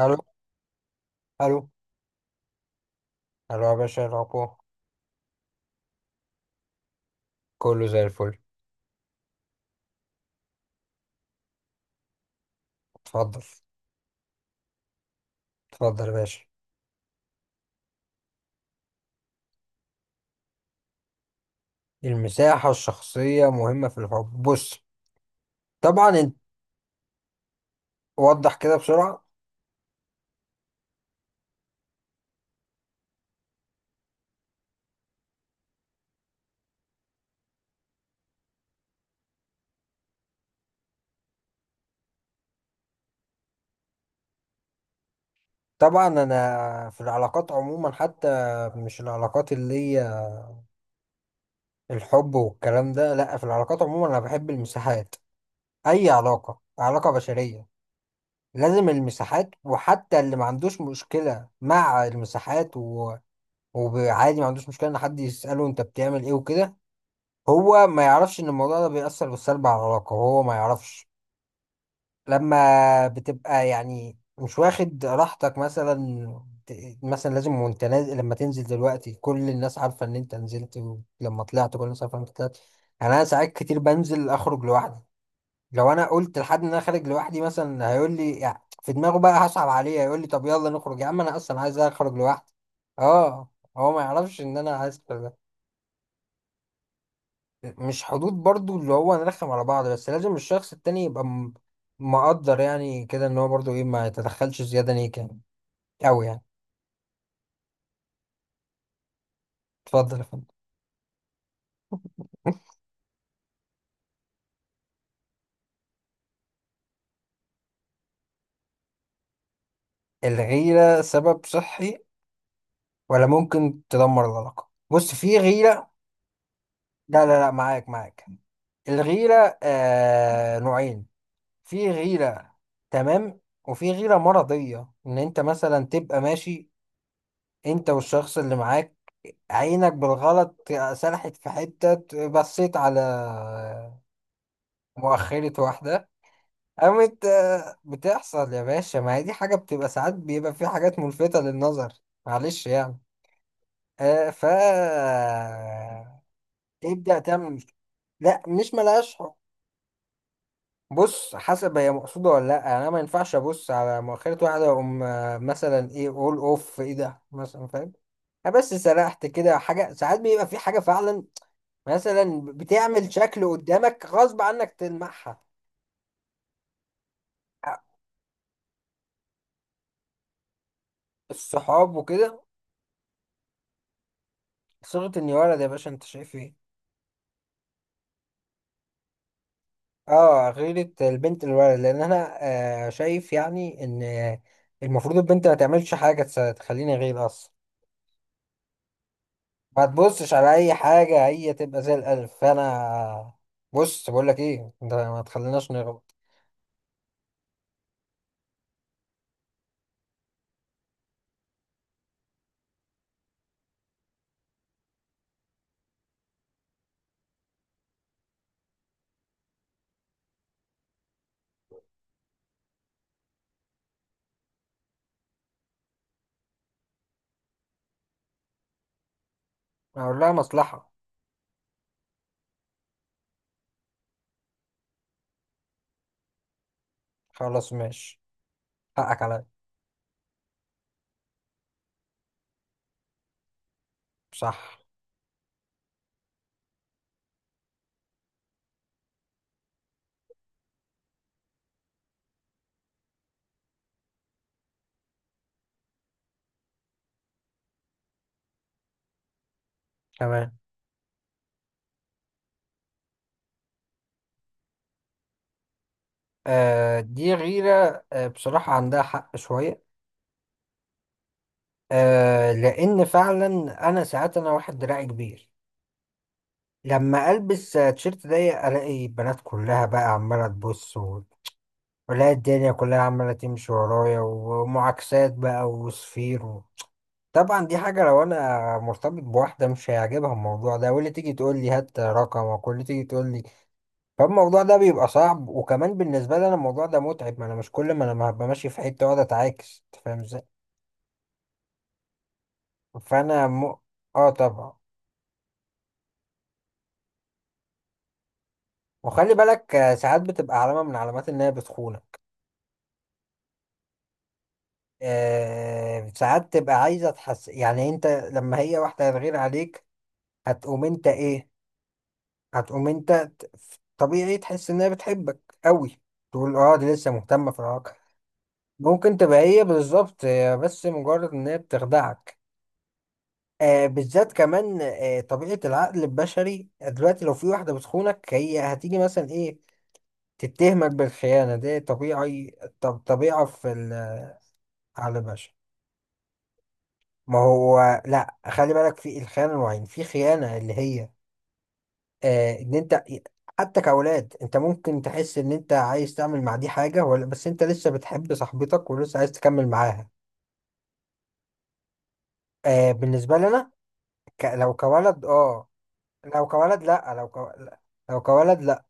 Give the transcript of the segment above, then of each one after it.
الو. الو. الو يا باشا، إيه الاخبار؟ كله زي الفل. اتفضل، اتفضل يا باشا. المساحة الشخصية مهمة في الحب، بص. طبعا انت، وضح كده بسرعة. طبعا انا في العلاقات عموما حتى، مش العلاقات اللي هي الحب والكلام ده، لا، في العلاقات عموما انا بحب المساحات. اي علاقة، علاقة بشرية، لازم المساحات. وحتى اللي ما عندوش مشكلة مع المساحات وعادي ما عندوش مشكلة ان حد يسأله انت بتعمل ايه وكده. هو ما يعرفش ان الموضوع ده بيأثر بالسلب على العلاقة، هو ما يعرفش. لما بتبقى يعني مش واخد راحتك، مثلا مثلا لازم وانت نازل، لما تنزل دلوقتي كل الناس عارفة ان انت نزلت، ولما طلعت كل الناس عارفة ان انت طلعت. يعني انا ساعات كتير بنزل اخرج لوحدي. لو انا قلت لحد ان انا خارج لوحدي مثلا هيقول لي، يعني في دماغه بقى هصعب عليه، هيقول لي طب يلا نخرج يا عم، انا اصلا عايز اخرج لوحدي. اه، هو ما يعرفش ان انا عايز. مش حدود برضو اللي هو نرخم على بعض، بس لازم الشخص التاني يبقى مقدر يعني كده ان هو برضو، ايه، ما يتدخلش زيادة ليك يعني. أوي يعني. اتفضل يا فندم. الغيرة سبب صحي ولا ممكن تدمر العلاقة؟ بص، في غيرة. لا لا لا، معاك معاك. الغيرة نوعين. في غيرة، تمام، وفي غيرة مرضية. ان انت مثلا تبقى ماشي، انت والشخص اللي معاك، عينك بالغلط سرحت في حتة، بصيت على مؤخرة واحدة، قامت بتحصل يا باشا، ما هي دي حاجة بتبقى، ساعات بيبقى في حاجات ملفتة للنظر، معلش يعني. آه ف تبدأ تعمل مشكلة. لا، مش ملهاش حق. بص، حسب هي مقصودة ولا لا. يعني انا ما ينفعش ابص على مؤخرة واحدة واقوم مثلا ايه، اول اوف ايه ده مثلا، فاهم؟ أنا بس سرحت كده حاجة. ساعات بيبقى في حاجة فعلا مثلا بتعمل شكل قدامك غصب عنك تلمحها. آه، الصحاب وكده. صيغة اني ولد يا باشا، انت شايف ايه؟ اه، غيرة البنت الولد، لان انا شايف يعني ان المفروض البنت ما تعملش حاجة تخليني غير اصلا. ما تبصش على اي حاجة، هي تبقى زي الالف. فانا بص بقول لك ايه، انت ما تخليناش نغلط. اقول لها مصلحة. خلاص، ماشي، حقك عليا. صح. تمام. دي غيرة. آه، بصراحة عندها حق شوية. آه، لان فعلا انا ساعات، انا واحد دراعي كبير، لما البس تيشيرت ضيق الاقي البنات كلها بقى عماله تبص والاقي الدنيا كلها عماله تمشي ورايا ومعاكسات بقى وصفير طبعا دي حاجه لو انا مرتبط بواحده مش هيعجبها الموضوع ده، واللي تيجي تقول لي هات رقمك واللي تيجي تقول لي. فالموضوع ده بيبقى صعب، وكمان بالنسبه لي انا الموضوع ده متعب، ما انا مش كل ما انا هبقى ماشي في حته واقعد اتعاكس، أنت فاهم ازاي. فانا م... اه طبعا. وخلي بالك، ساعات بتبقى علامه من علامات ان هي بتخون. ساعات تبقى عايزة تحس يعني، انت لما هي واحدة هتغير عليك هتقوم انت ايه؟ هتقوم انت ت- طبيعي تحس انها بتحبك قوي، تقول اه دي لسه مهتمة في العلاقة. ممكن تبقى هي بالظبط، هي بس مجرد ان هي بتخدعك. بالذات كمان، طبيعة العقل البشري دلوقتي، لو في واحدة بتخونك هي هتيجي مثلا ايه تتهمك بالخيانة، دي طبيعي، طب طبيعة في العقل البشري. ما هو لا، خلي بالك، في الخيانة نوعين. في خيانة اللي هي ان انت، حتى كأولاد، انت ممكن تحس ان انت عايز تعمل مع دي حاجة ولا بس انت لسه بتحب صاحبتك ولسه عايز تكمل معاها. آه، بالنسبة لي انا لو كولد اه، لو كولد لا لو ك... لو كولد لا،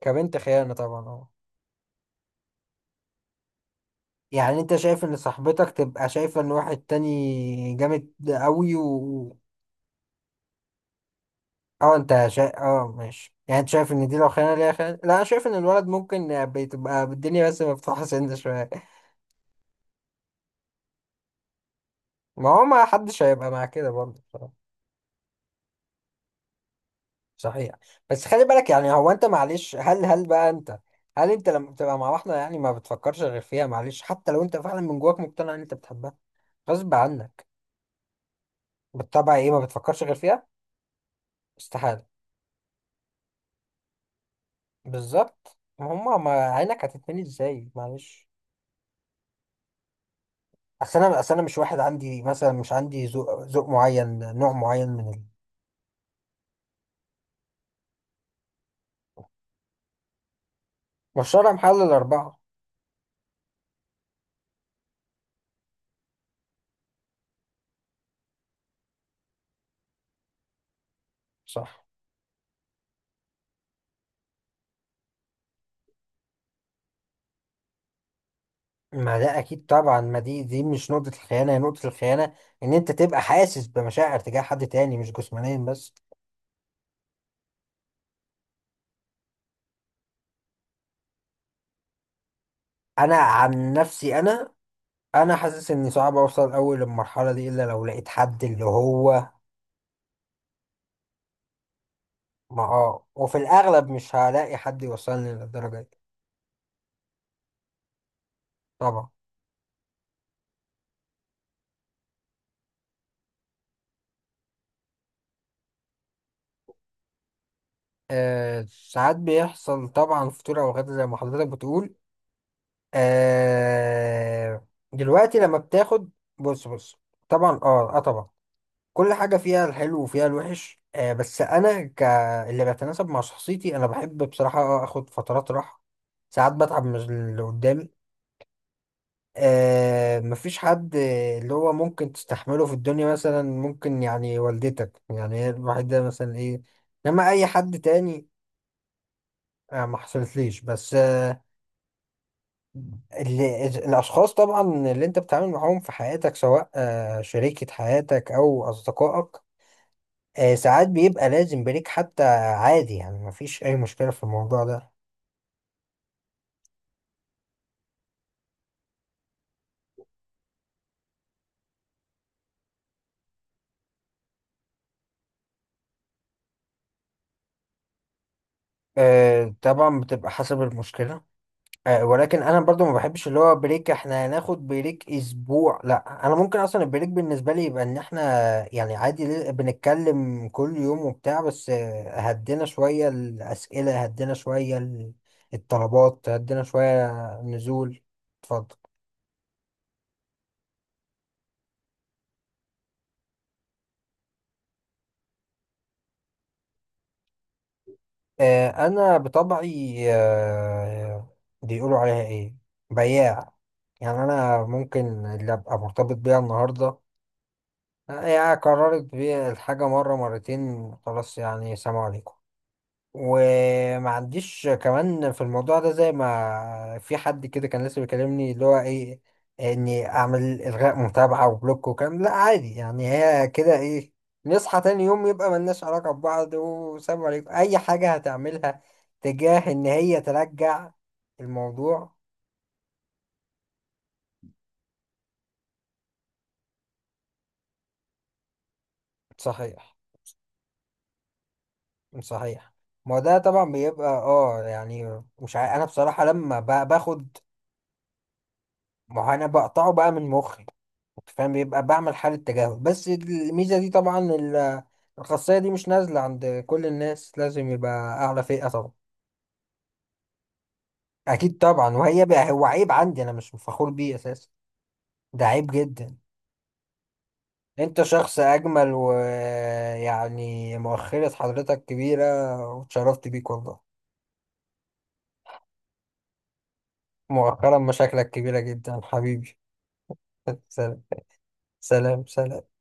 كبنت خيانة طبعا اه. يعني انت شايف ان صاحبتك تبقى شايفة ان واحد تاني جامد قوي؟ اه، انت شايف، ماشي. يعني انت شايف ان دي لو خيانة ليها خيانة؟ لا، انا شايف ان الولد ممكن بتبقى الدنيا بس مفتوحة سن شوية. ما هو ما حدش هيبقى مع كده برضه بصراحة. صحيح. بس خلي بالك يعني، هو انت معلش، هل انت لما بتبقى مع واحدة يعني ما بتفكرش غير فيها؟ معلش، حتى لو انت فعلا من جواك مقتنع ان انت بتحبها غصب عنك، بالطبع ايه، ما بتفكرش غير فيها، استحالة. بالظبط، ما هما، ما عينك هتتمني ازاي؟ معلش. اصل انا مش واحد عندي مثلا، مش عندي ذوق معين، نوع معين والشرع محل الاربعه. صح. ما ده اكيد طبعا، ما دي مش نقطه الخيانه، هي نقطه الخيانه ان انت تبقى حاسس بمشاعر تجاه حد تاني، مش جسمانيا بس. انا عن نفسي، انا حاسس اني صعب اوصل قوي للمرحله دي، الا لو لقيت حد اللي هو ما. اه، وفي الاغلب مش هلاقي حد يوصلني للدرجه دي. طبعا. ساعات بيحصل طبعا، فطور او غدا زي ما حضرتك بتقول. آه دلوقتي لما بتاخد، بص بص. طبعا، اه اه، طبعا. كل حاجة فيها الحلو وفيها الوحش. بس انا اللي بيتناسب مع شخصيتي، انا بحب بصراحة اخد فترات راحة. ساعات بتعب من اللي قدامي. مفيش حد اللي هو ممكن تستحمله في الدنيا، مثلا ممكن يعني والدتك يعني، هي الوحيدة مثلا ايه، انما اي حد تاني. آه، ما حصلتليش. بس، ال- ال- الأشخاص طبعا اللي أنت بتتعامل معاهم في حياتك، سواء شريكة حياتك أو أصدقائك، ساعات بيبقى لازم بريك حتى، عادي يعني، مفيش أي مشكلة في الموضوع ده. آه، طبعا بتبقى حسب المشكلة. آه، ولكن انا برضو ما بحبش اللي هو بريك احنا هناخد بريك اسبوع، لا، انا ممكن اصلا البريك بالنسبه لي يبقى ان احنا يعني عادي، بنتكلم كل يوم وبتاع، بس هدينا شويه الاسئله، هدينا شويه الطلبات، هدينا شويه نزول. اتفضل. انا بطبعي بيقولوا عليها ايه، بياع. يعني انا ممكن اللي ابقى مرتبط بيها النهارده، هي قررت بيه الحاجة مرة مرتين، خلاص، يعني سلام عليكم. وما عنديش كمان في الموضوع ده، زي ما في حد كده كان لسه بيكلمني اللي هو ايه، اني اعمل الغاء متابعة وبلوك وكلام، لا، عادي يعني، هي كده ايه، نصحى تاني يوم يبقى ملناش علاقة ببعض، وسلام عليكم اي حاجة هتعملها تجاه ان هي ترجع الموضوع. صحيح، صحيح. ما هو ده طبعا بيبقى اه يعني، مش عارف انا بصراحة لما باخد. ما هو انا بقطعه بقى من مخي، انت فاهم، بيبقى بعمل حالة تجاهل. بس الميزة دي طبعا، الخاصية دي مش نازلة عند كل الناس، لازم يبقى اعلى فئة طبعا. اكيد طبعا، وهي بقى هو عيب عندي انا، مش فخور بيه اساسا. ده عيب جدا. انت شخص اجمل، ويعني مؤخرة حضرتك كبيرة، واتشرفت بيك والله. مؤخرا مشاكلك كبيرة جدا حبيبي. سلام. سلام. سلام.